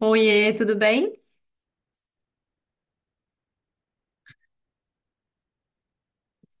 Oiê, tudo bem?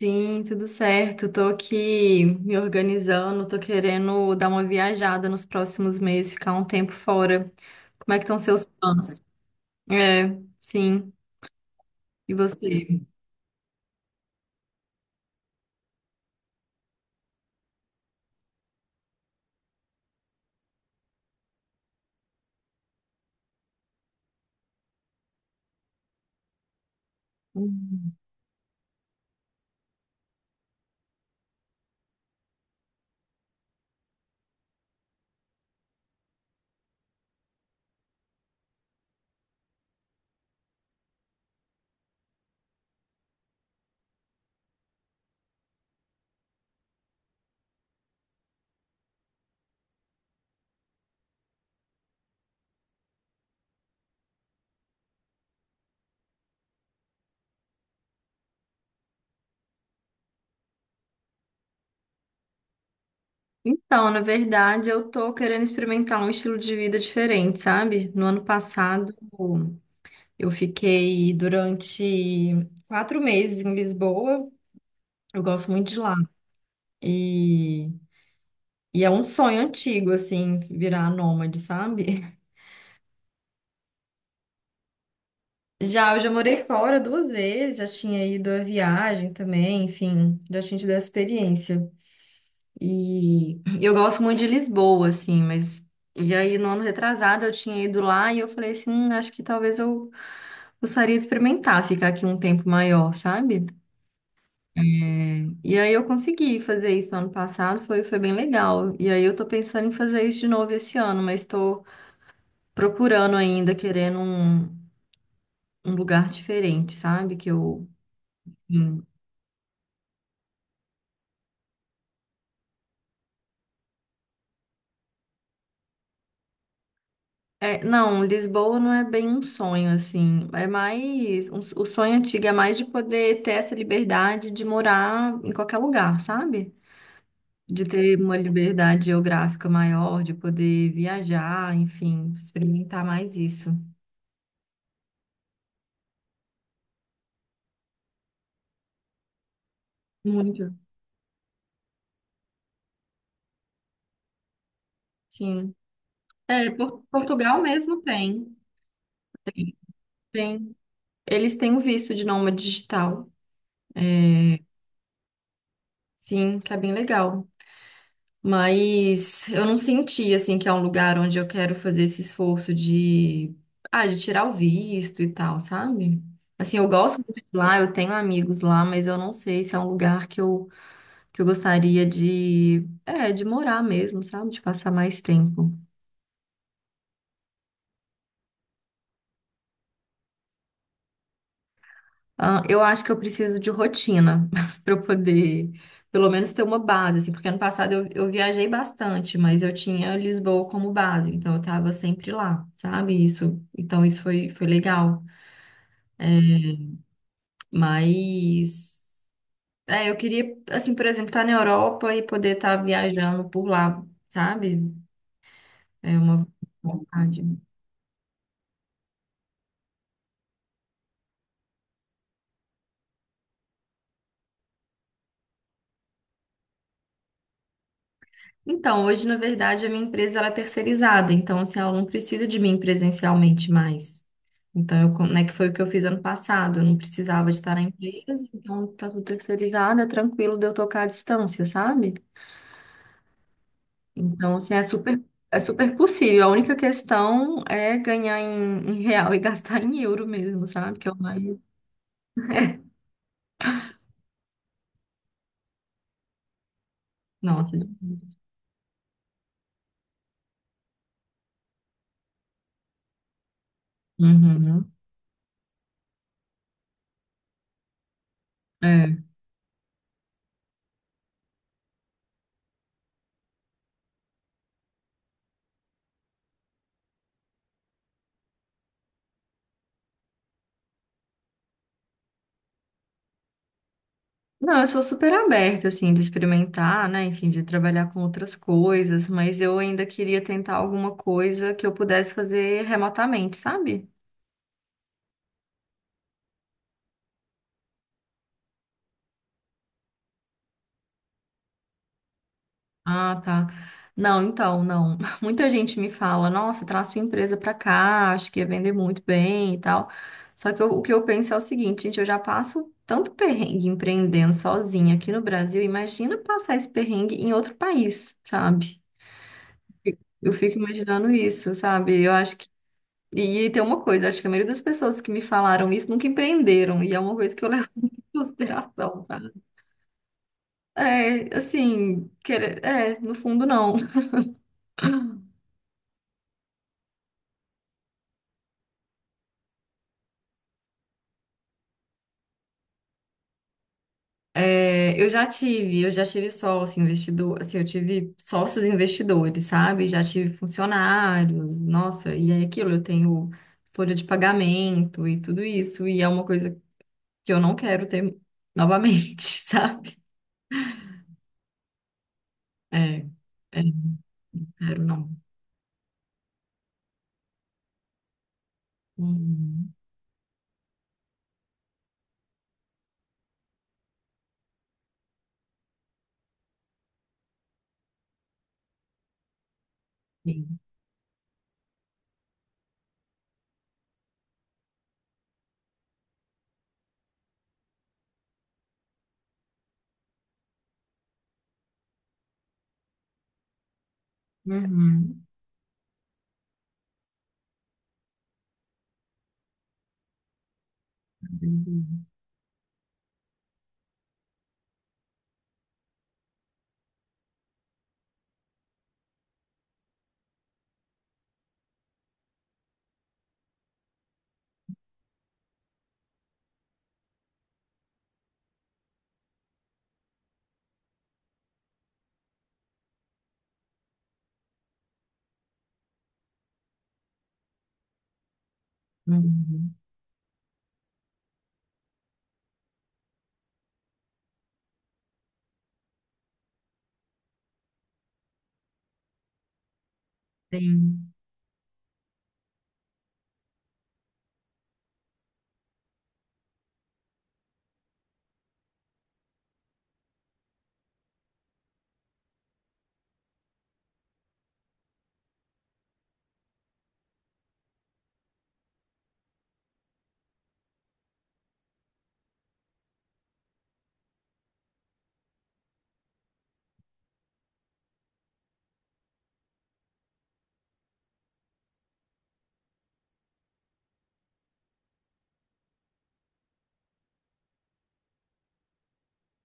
Sim, tudo certo. Tô aqui me organizando, tô querendo dar uma viajada nos próximos meses, ficar um tempo fora. Como é que estão seus planos? É, sim. E você? Hum. Então, na verdade, eu tô querendo experimentar um estilo de vida diferente, sabe? No ano passado, eu fiquei durante 4 meses em Lisboa. Eu gosto muito de lá. E, e é um sonho antigo, assim, virar nômade, sabe? Já, eu já morei fora duas vezes, já tinha ido à viagem também, enfim, já tinha tido a experiência. E eu gosto muito de Lisboa, assim, mas. E aí, no ano retrasado, eu tinha ido lá e eu falei assim: acho que talvez eu gostaria de experimentar ficar aqui um tempo maior, sabe? É, e aí, eu consegui fazer isso no ano passado, foi, foi bem legal. E aí, eu tô pensando em fazer isso de novo esse ano, mas tô procurando ainda, querendo um lugar diferente, sabe? Que eu. hum, É, não, Lisboa não é bem um sonho, assim. É mais. O sonho antigo é mais de poder ter essa liberdade de morar em qualquer lugar, sabe? De ter uma liberdade geográfica maior, de poder viajar, enfim, experimentar mais isso. Muito. Sim. É, Portugal mesmo tem. Tem. Tem. Eles têm o visto de nômade digital. É, sim, que é bem legal. Mas eu não senti assim que é um lugar onde eu quero fazer esse esforço de tirar o visto e tal, sabe? Assim, eu gosto muito de lá, eu tenho amigos lá, mas eu não sei se é um lugar que eu gostaria de, é, de morar mesmo, sabe? De passar mais tempo. Ah, eu acho que eu preciso de rotina para eu poder, pelo menos, ter uma base, assim, porque ano passado eu viajei bastante, mas eu tinha Lisboa como base, então eu estava sempre lá, sabe? Isso, então isso foi, foi legal. Mas é, eu queria, assim, por exemplo, estar na Europa e poder estar viajando por lá, sabe? É uma vontade. Então, hoje, na verdade, a minha empresa ela é terceirizada, então assim, ela não precisa de mim presencialmente mais. Então, eu, né, que foi o que eu fiz ano passado, eu não precisava de estar na empresa, então tá tudo terceirizado, é tranquilo de eu tocar à distância, sabe? Então, assim, é super possível. A única questão é ganhar em real e gastar em euro mesmo, sabe? Que é o mais. Nossa. Uhum. É. Não, eu sou super aberta, assim, de experimentar, né? Enfim, de trabalhar com outras coisas, mas eu ainda queria tentar alguma coisa que eu pudesse fazer remotamente, sabe? Ah, tá. Não, então, não. Muita gente me fala, nossa, traz sua empresa pra cá, acho que ia vender muito bem e tal. Só que o que eu penso é o seguinte, gente, eu já passo tanto perrengue empreendendo sozinha aqui no Brasil, imagina passar esse perrengue em outro país, sabe? Eu fico imaginando isso, sabe? Eu acho. E tem uma coisa, acho que a maioria das pessoas que me falaram isso nunca empreenderam, e é uma coisa que eu levo muito em consideração, sabe? É, assim, querer, é, no fundo não. É, eu já tive sócio investidor, assim, eu tive sócios investidores, sabe? Já tive funcionários, nossa, e é aquilo, eu tenho folha de pagamento e tudo isso, e é uma coisa que eu não quero ter novamente, sabe? É, não quero não. Uhum, sim. Uhum. Uhum, sim.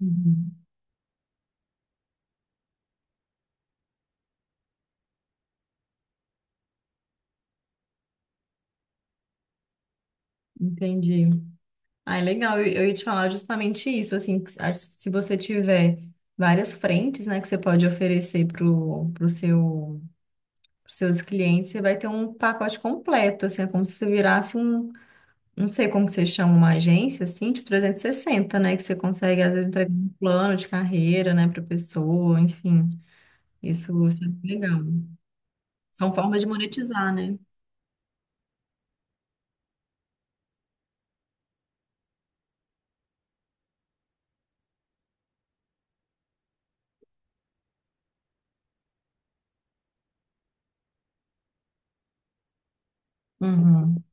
Uhum, entendi. Ah, é legal. Eu ia te falar justamente isso, assim, que se acho que se você tiver várias frentes, né, que você pode oferecer pros seus clientes, você vai ter um pacote completo, assim, é como se você virasse um, não sei como que você chama uma agência, assim, tipo 360 né, que você consegue, às vezes, entregar um plano de carreira, né, pra pessoa, enfim. Isso é legal. São formas de monetizar, né? Uhum.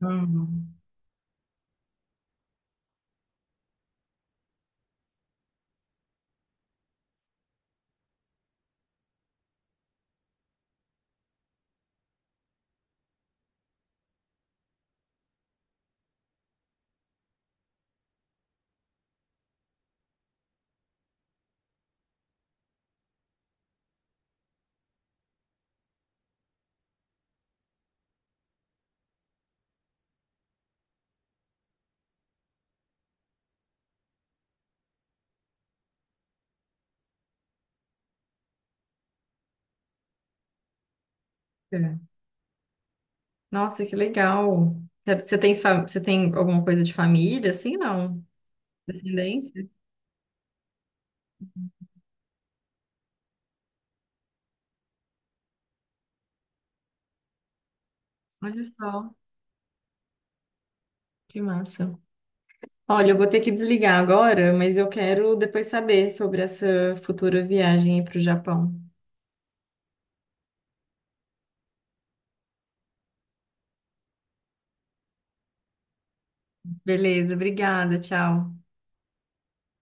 Uhum. É. Nossa, que legal. É, você tem, você tem alguma coisa de família, assim, não? Descendência? Olha só, que massa. Olha, eu vou ter que desligar agora, mas eu quero depois saber sobre essa futura viagem para o Japão. Beleza, obrigada, tchau.